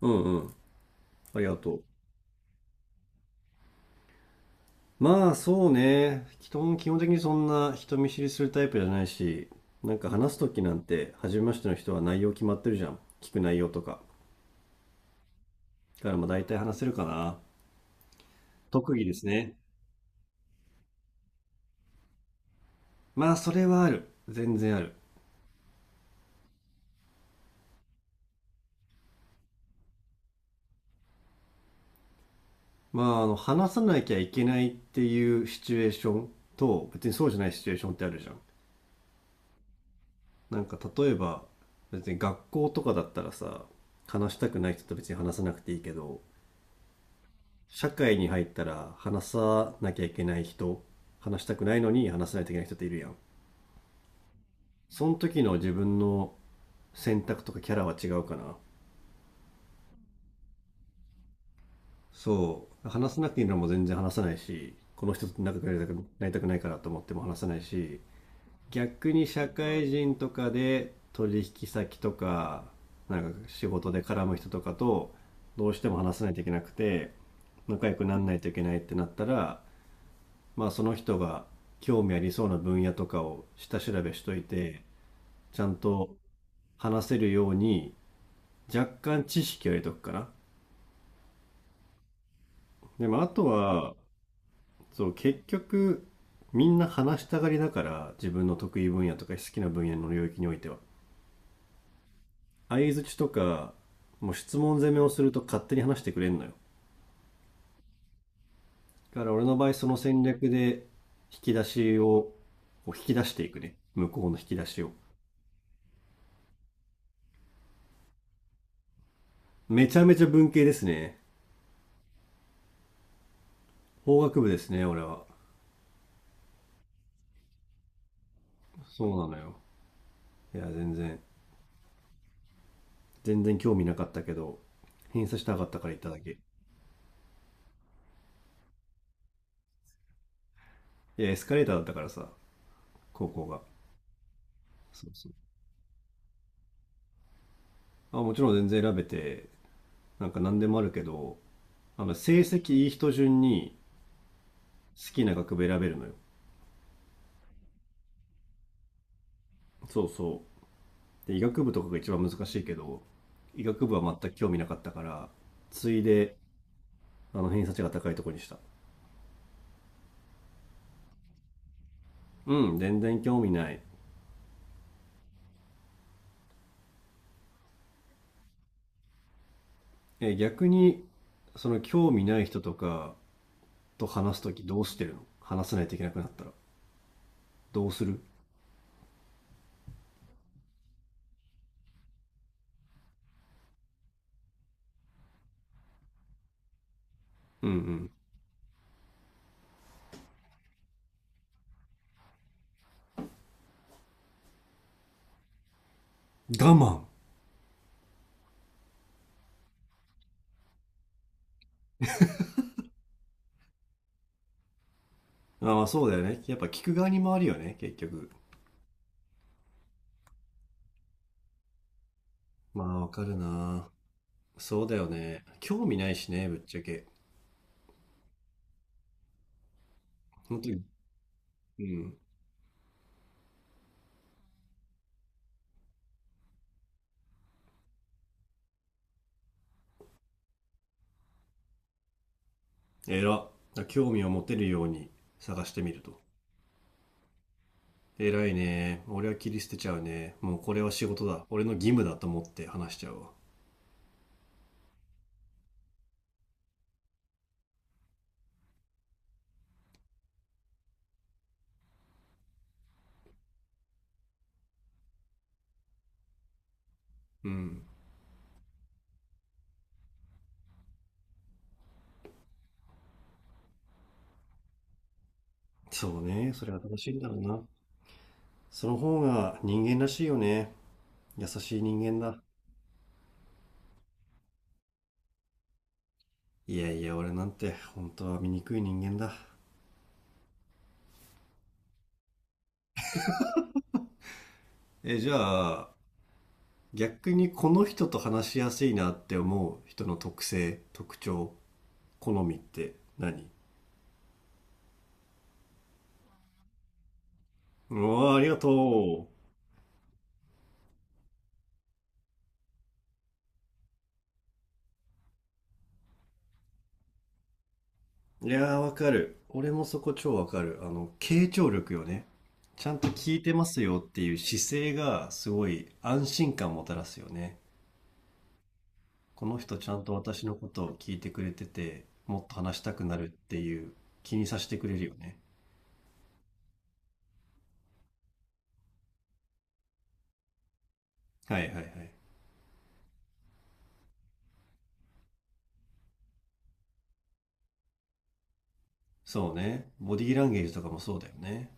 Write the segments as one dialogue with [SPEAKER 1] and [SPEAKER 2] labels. [SPEAKER 1] うんうん。ありがとう。まあそうね。基本的にそんな人見知りするタイプじゃないし、なんか話すときなんて、初めましての人は内容決まってるじゃん。聞く内容とか。だからまあ大体話せるかな。特技ですね。まあそれはある。全然ある。まあ話さなきゃいけないっていうシチュエーションと、別にそうじゃないシチュエーションってあるじゃん。なんか例えば、別に学校とかだったらさ、話したくない人と別に話さなくていいけど、社会に入ったら話さなきゃいけない人、話したくないのに話さないといけない人っているやん。その時の自分の選択とかキャラは違うかな。そう。話さなくていいのも全然話さないし、この人と仲良くなりたくないからと思っても話さないし、逆に社会人とかで取引先とか、なんか仕事で絡む人とかとどうしても話さないといけなくて、仲良くならないといけないってなったら、まあ、その人が興味ありそうな分野とかを下調べしといて、ちゃんと話せるように若干知識を入れとくかな。でもあとは、そう、結局みんな話したがりだから、自分の得意分野とか好きな分野の領域においては。相槌とか、もう質問攻めをすると勝手に話してくれんのよ。だから俺の場合その戦略で引き出しを、こう引き出していくね。向こうの引き出しを。めちゃめちゃ文系ですね。法学部ですね、俺は。そうなのよ。いや、全然、全然興味なかったけど、偏差したかったから行っただけ。いや、エスカレーターだったからさ、高校が。そうそう。あ、もちろん全然選べて、なんか何でもあるけど、成績いい人順に好きな学部選べるのよ。そうそう。で、医学部とかが一番難しいけど、医学部は全く興味なかったから、ついで、偏差値が高いとこにした。うん、全然興味ない。え、逆に、その興味ない人とか、と話すときどうしてるの？話さないといけなくなったら。どうする？うんうん。我慢。あ、まあそうだよね。やっぱ聞く側に回るよね、結局。まあわかるな。そうだよね。興味ないしね、ぶっちゃけ。本当に。うん。偉っ。興味を持てるように探してみると。偉いね。俺は切り捨てちゃうね。もうこれは仕事だ。俺の義務だと思って話しちゃうわ。うん。そうね。それが正しいんだろうな。その方が人間らしいよね。優しい人間だ。いやいや、俺なんて本当は醜い人間だ。え、じゃあ、逆にこの人と話しやすいなって思う人の特性、特徴、好みって何？うわあ、ありがとう。いやー、わかる。俺もそこ超わかる。傾聴力よね。ちゃんと聞いてますよっていう姿勢がすごい安心感もたらすよね。この人ちゃんと私のことを聞いてくれてて、もっと話したくなるっていう気にさせてくれるよね。はいはいはい。そうね。ボディーランゲージとかもそうだよね。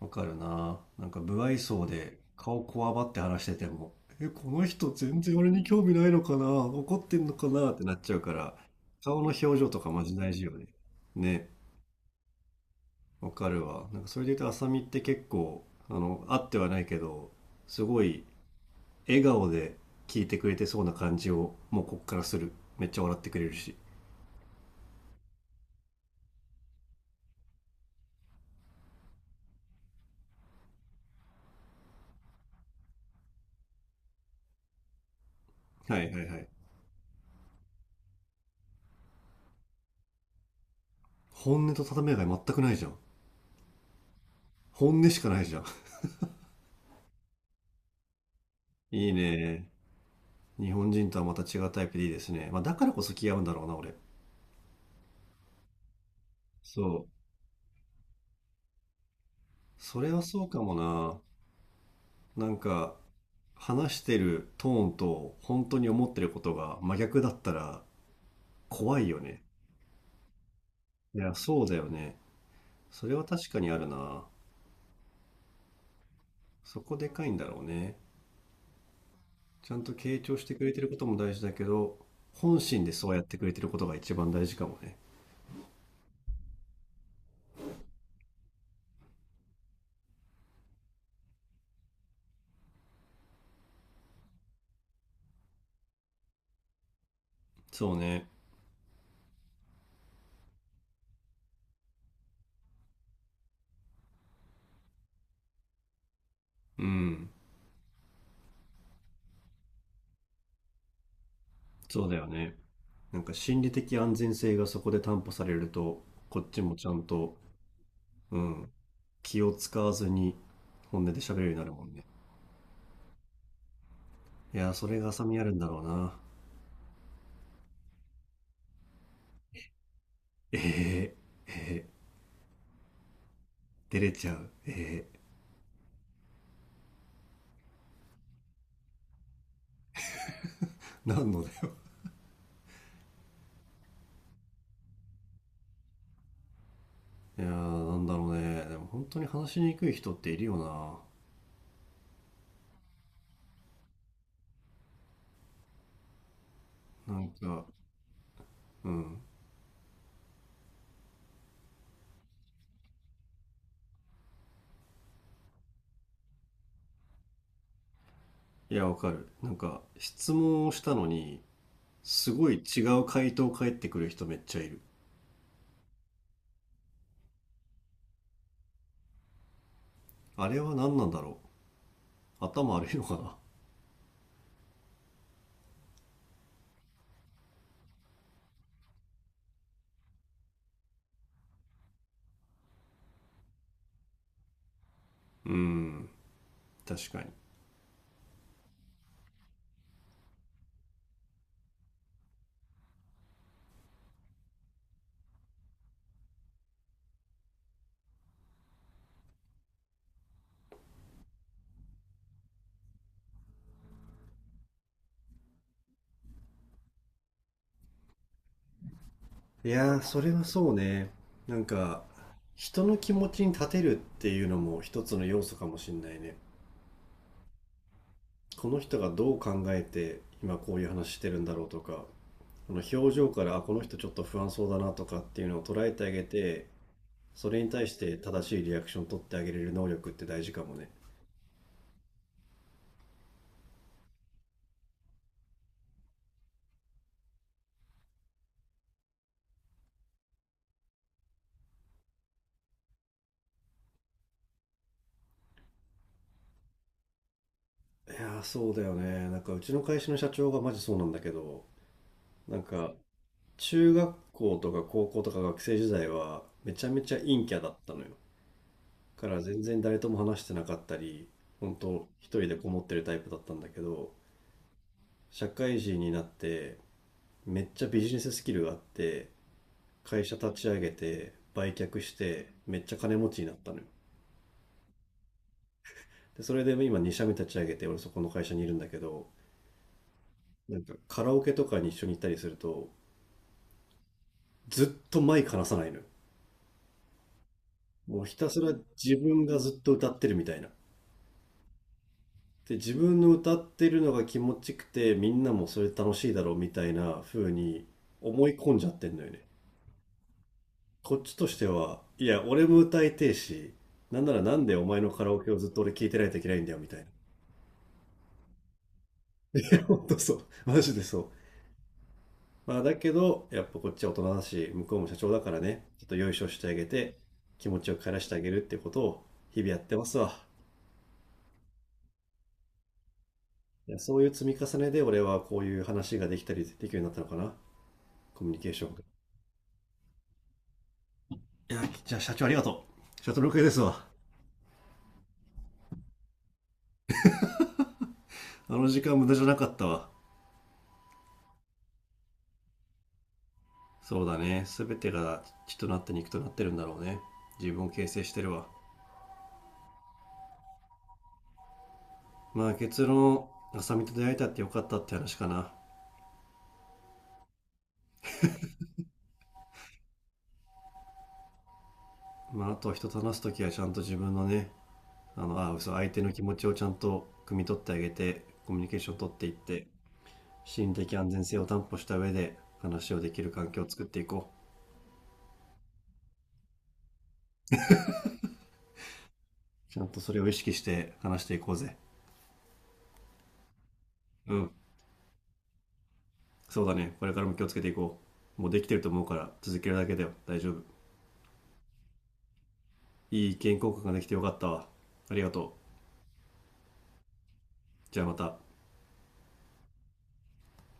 [SPEAKER 1] わかるな。なんか、無愛想で顔こわばって話してても、え、この人全然俺に興味ないのかな、怒ってんのかなってなっちゃうから、顔の表情とかマジ大事よね。ね。わかるわ。なんか、それで言うと、浅見って結構、会ってはないけど、すごい笑顔で聞いてくれてそうな感じを、もうこっからする。めっちゃ笑ってくれるし。はいはいはい。本音と建前が全くないじゃん。本音しかないじゃん。いいね。日本人とはまた違うタイプでいいですね。まあ、だからこそ気が合うんだろうな、俺。そう。それはそうかもな。なんか、話してるトーンと本当に思ってることが真逆だったら怖いよね。いや、そうだよね。それは確かにあるな。そこでかいんだろうね。ちゃんと傾聴してくれてることも大事だけど、本心でそうやってくれてることが一番大事かもね。そうね。うん。そうだよね。なんか心理的安全性がそこで担保されると、こっちもちゃんと、うん、気を使わずに本音で喋るようになるもんね。いやー、それが浅みあるんだろうな。えー、え照れちゃう。なんのだよ？いやー、なんだろうね。でも本当に話しにくい人っているよな。うん。いや、わかる。なんか質問をしたのにすごい違う回答返ってくる人めっちゃいる。あれは何なんだろう？頭悪いのかな？うん、確かに。いやー、それはそうね。なんか、人の気持ちに立てるっていうのも一つの要素かもしんないね。この人がどう考えて今こういう話してるんだろうとか、この表情から、あ、この人ちょっと不安そうだなとかっていうのを捉えてあげて、それに対して正しいリアクションを取ってあげれる能力って大事かもね。いやー、そうだよね。なんかうちの会社の社長がマジそうなんだけど、なんか中学校とか高校とか学生時代はめちゃめちゃ陰キャだったのよ。から全然誰とも話してなかったり、本当一人でこもってるタイプだったんだけど、社会人になってめっちゃビジネススキルがあって、会社立ち上げて、売却して、めっちゃ金持ちになったのよ。で、それで今2社目立ち上げて、俺そこの会社にいるんだけど、なんかカラオケとかに一緒に行ったりすると、ずっとマイク離さないのよ。もうひたすら自分がずっと歌ってるみたいな。で自分の歌ってるのが気持ちよくてみんなもそれ楽しいだろうみたいな風に思い込んじゃってんのよね。こっちとしてはいや俺も歌いてえし、なんならなんでお前のカラオケをずっと俺聞いてないといけないんだよみたいな。本当そう、マジでそう。まあだけどやっぱこっちは大人だし向こうも社長だからね、ちょっとよいしょしてあげて気持ちを帰らしてあげるってことを日々やってますわ。いや、そういう積み重ねで俺はこういう話ができたりできるようになったのかな、コミュニケーションが。いや、じゃあ社長ありがとうシャトル系ですわ。あの時間無駄じゃなかったわ。そうだね。すべてが血となって肉となってるんだろうね。自分を形成してるわ。まあ結論、浅見と出会えたってよかったって話かな。まああとは人と話すときはちゃんと自分のね、嘘、相手の気持ちをちゃんと汲み取ってあげて、コミュニケーション取っていって、心理的安全性を担保した上で話をできる環境を作っていこう。ちゃんとそれを意識して話していこうぜ。うん。そうだね。これからも気をつけていこう。もうできてると思うから続けるだけだよ。大丈夫。いい意見交換ができてよかったわ。ありがとう。じゃあまた。